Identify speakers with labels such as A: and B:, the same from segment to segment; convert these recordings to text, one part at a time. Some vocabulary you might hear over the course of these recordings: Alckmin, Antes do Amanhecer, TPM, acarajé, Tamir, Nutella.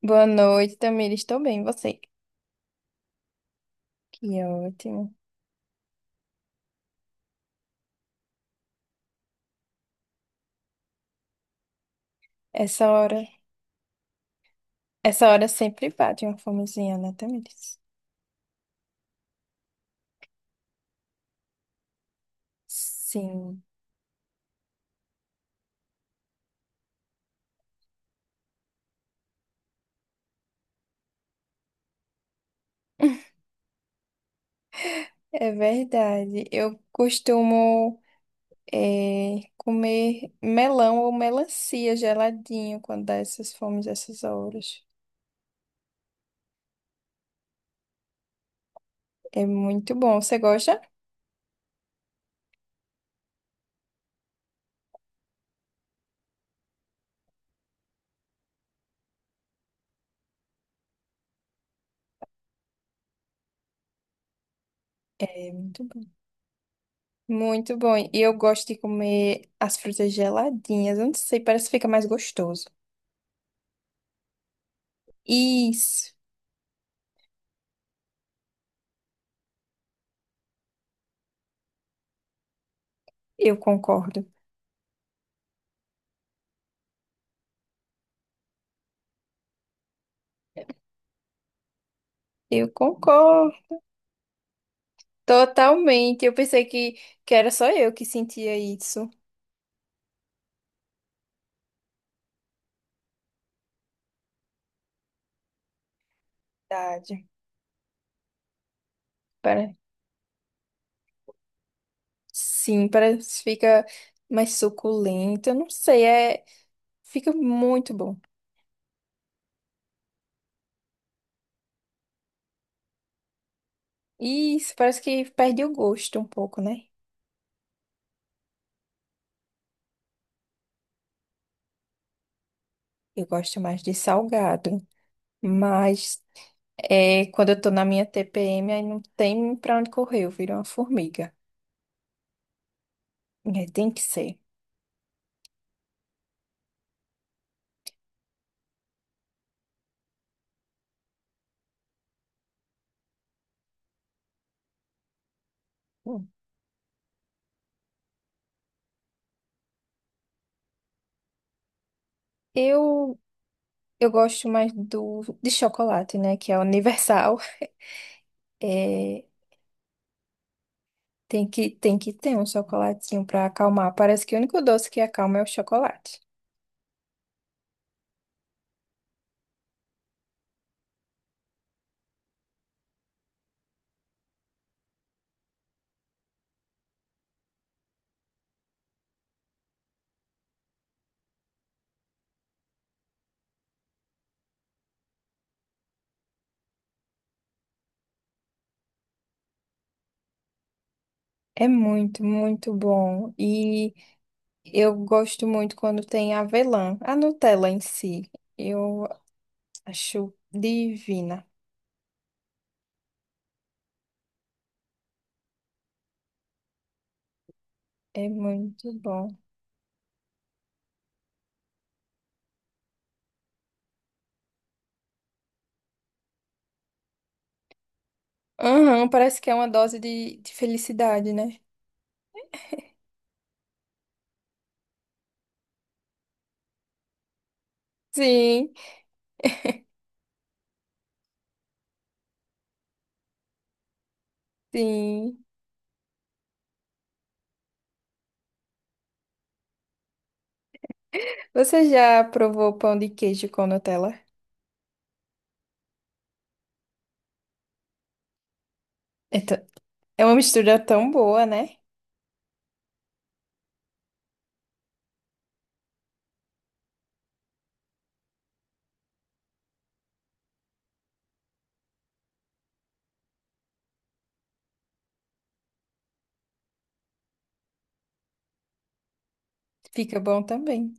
A: Boa noite, Tamir. Estou bem, e você? Que ótimo. Essa hora, essa hora sempre bate uma fomezinha, né, Tamires? Sim. É verdade. Eu costumo comer melão ou melancia geladinho quando dá essas fomes, essas horas. É muito bom. Você gosta? É muito bom. Muito bom. E eu gosto de comer as frutas geladinhas. Eu não sei, parece que fica mais gostoso. Isso, eu concordo. Eu concordo totalmente. Eu pensei que era só eu que sentia isso. Verdade. Para, sim, parece que fica mais suculento. Eu não sei, é, fica muito bom. Isso, parece que perde o gosto um pouco, né? Eu gosto mais de salgado, mas é, quando eu tô na minha TPM, aí não tem pra onde correr, eu viro uma formiga. É, tem que ser. Hum. Eu, eu gosto mais de chocolate, né? Que é universal. É, tem que ter um chocolatinho pra acalmar. Parece que o único doce que acalma é o chocolate. É muito bom. E eu gosto muito quando tem avelã. A Nutella em si, eu acho divina. É muito bom. Aham, parece que é uma dose de felicidade, né? Sim, sim. Você já provou pão de queijo com Nutella? É t- é uma mistura tão boa, né? Fica bom também.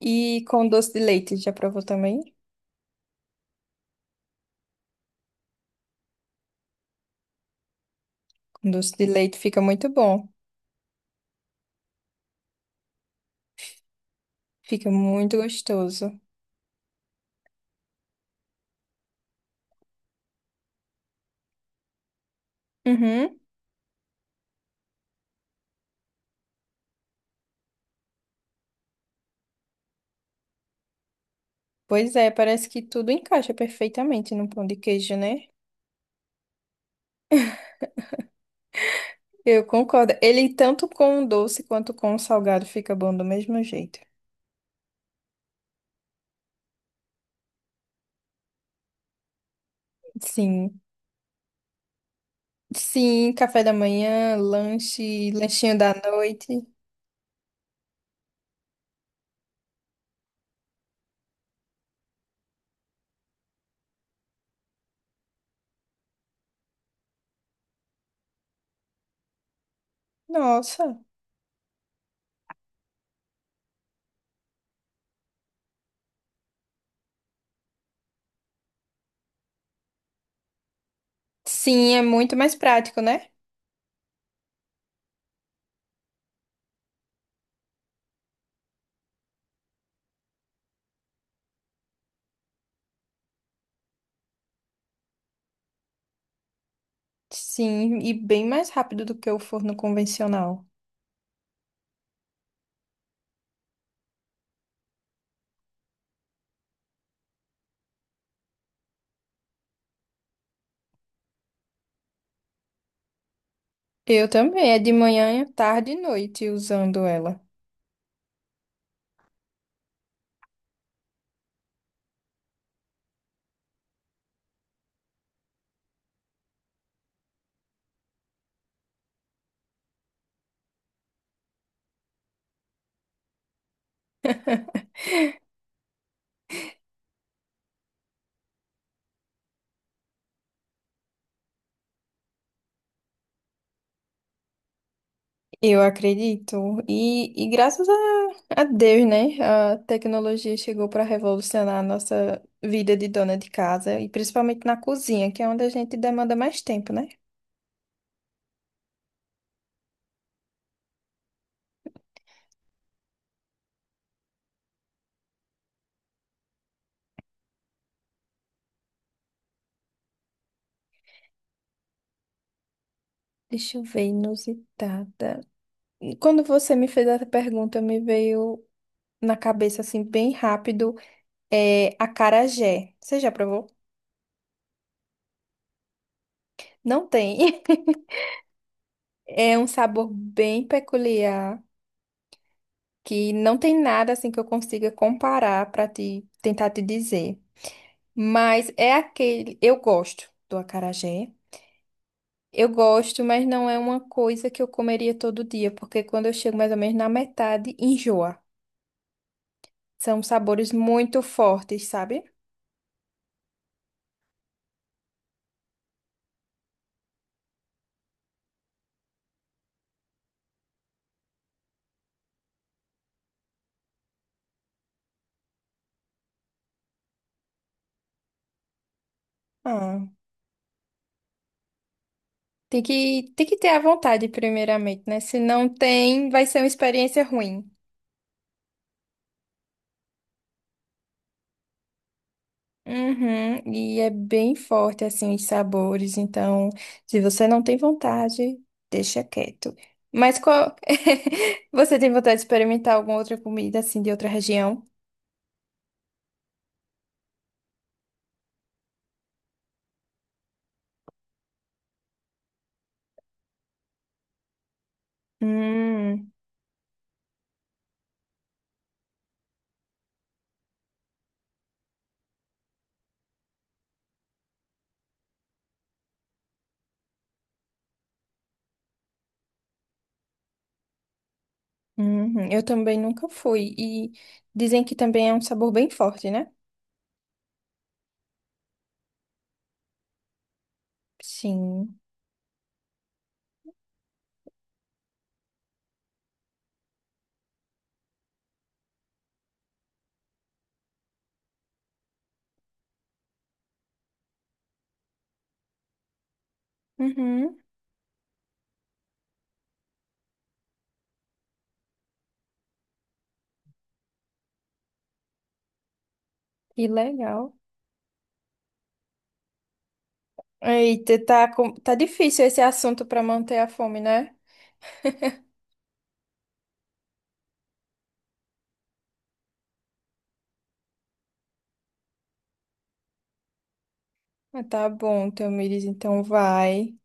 A: E com doce de leite, já provou também? Com doce de leite fica muito bom. Fica muito gostoso. Uhum. Pois é, parece que tudo encaixa perfeitamente no pão de queijo, né? Eu concordo. Ele tanto com o doce quanto com o salgado fica bom do mesmo jeito. Sim. Sim, café da manhã, lanche, lanchinho da noite. Nossa. Sim, é muito mais prático, né? Sim, e bem mais rápido do que o forno convencional. Eu também, é de manhã, tarde e noite usando ela. Eu acredito. E graças a Deus, né? A tecnologia chegou para revolucionar a nossa vida de dona de casa, e principalmente na cozinha, que é onde a gente demanda mais tempo, né? Deixa eu ver, inusitada. E quando você me fez essa pergunta, me veio na cabeça assim bem rápido, é acarajé. Você já provou? Não tem. É um sabor bem peculiar que não tem nada assim que eu consiga comparar para te tentar te dizer. Mas é aquele, eu gosto do acarajé. Eu gosto, mas não é uma coisa que eu comeria todo dia, porque quando eu chego mais ou menos na metade, enjoa. São sabores muito fortes, sabe? Ah. Tem que ter a vontade, primeiramente, né? Se não tem, vai ser uma experiência ruim. Uhum, e é bem forte, assim, os sabores. Então, se você não tem vontade, deixa quieto. Mas qual... Você tem vontade de experimentar alguma outra comida, assim, de outra região? Hum, uhum. Eu também nunca fui. E dizem que também é um sabor bem forte, né? Sim. Uhum. Que legal. Eita, tá, com- tá difícil esse assunto para manter a fome, né? Ah, tá bom, Tamires, então vai.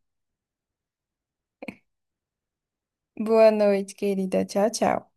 A: Boa noite, querida. Tchau, tchau.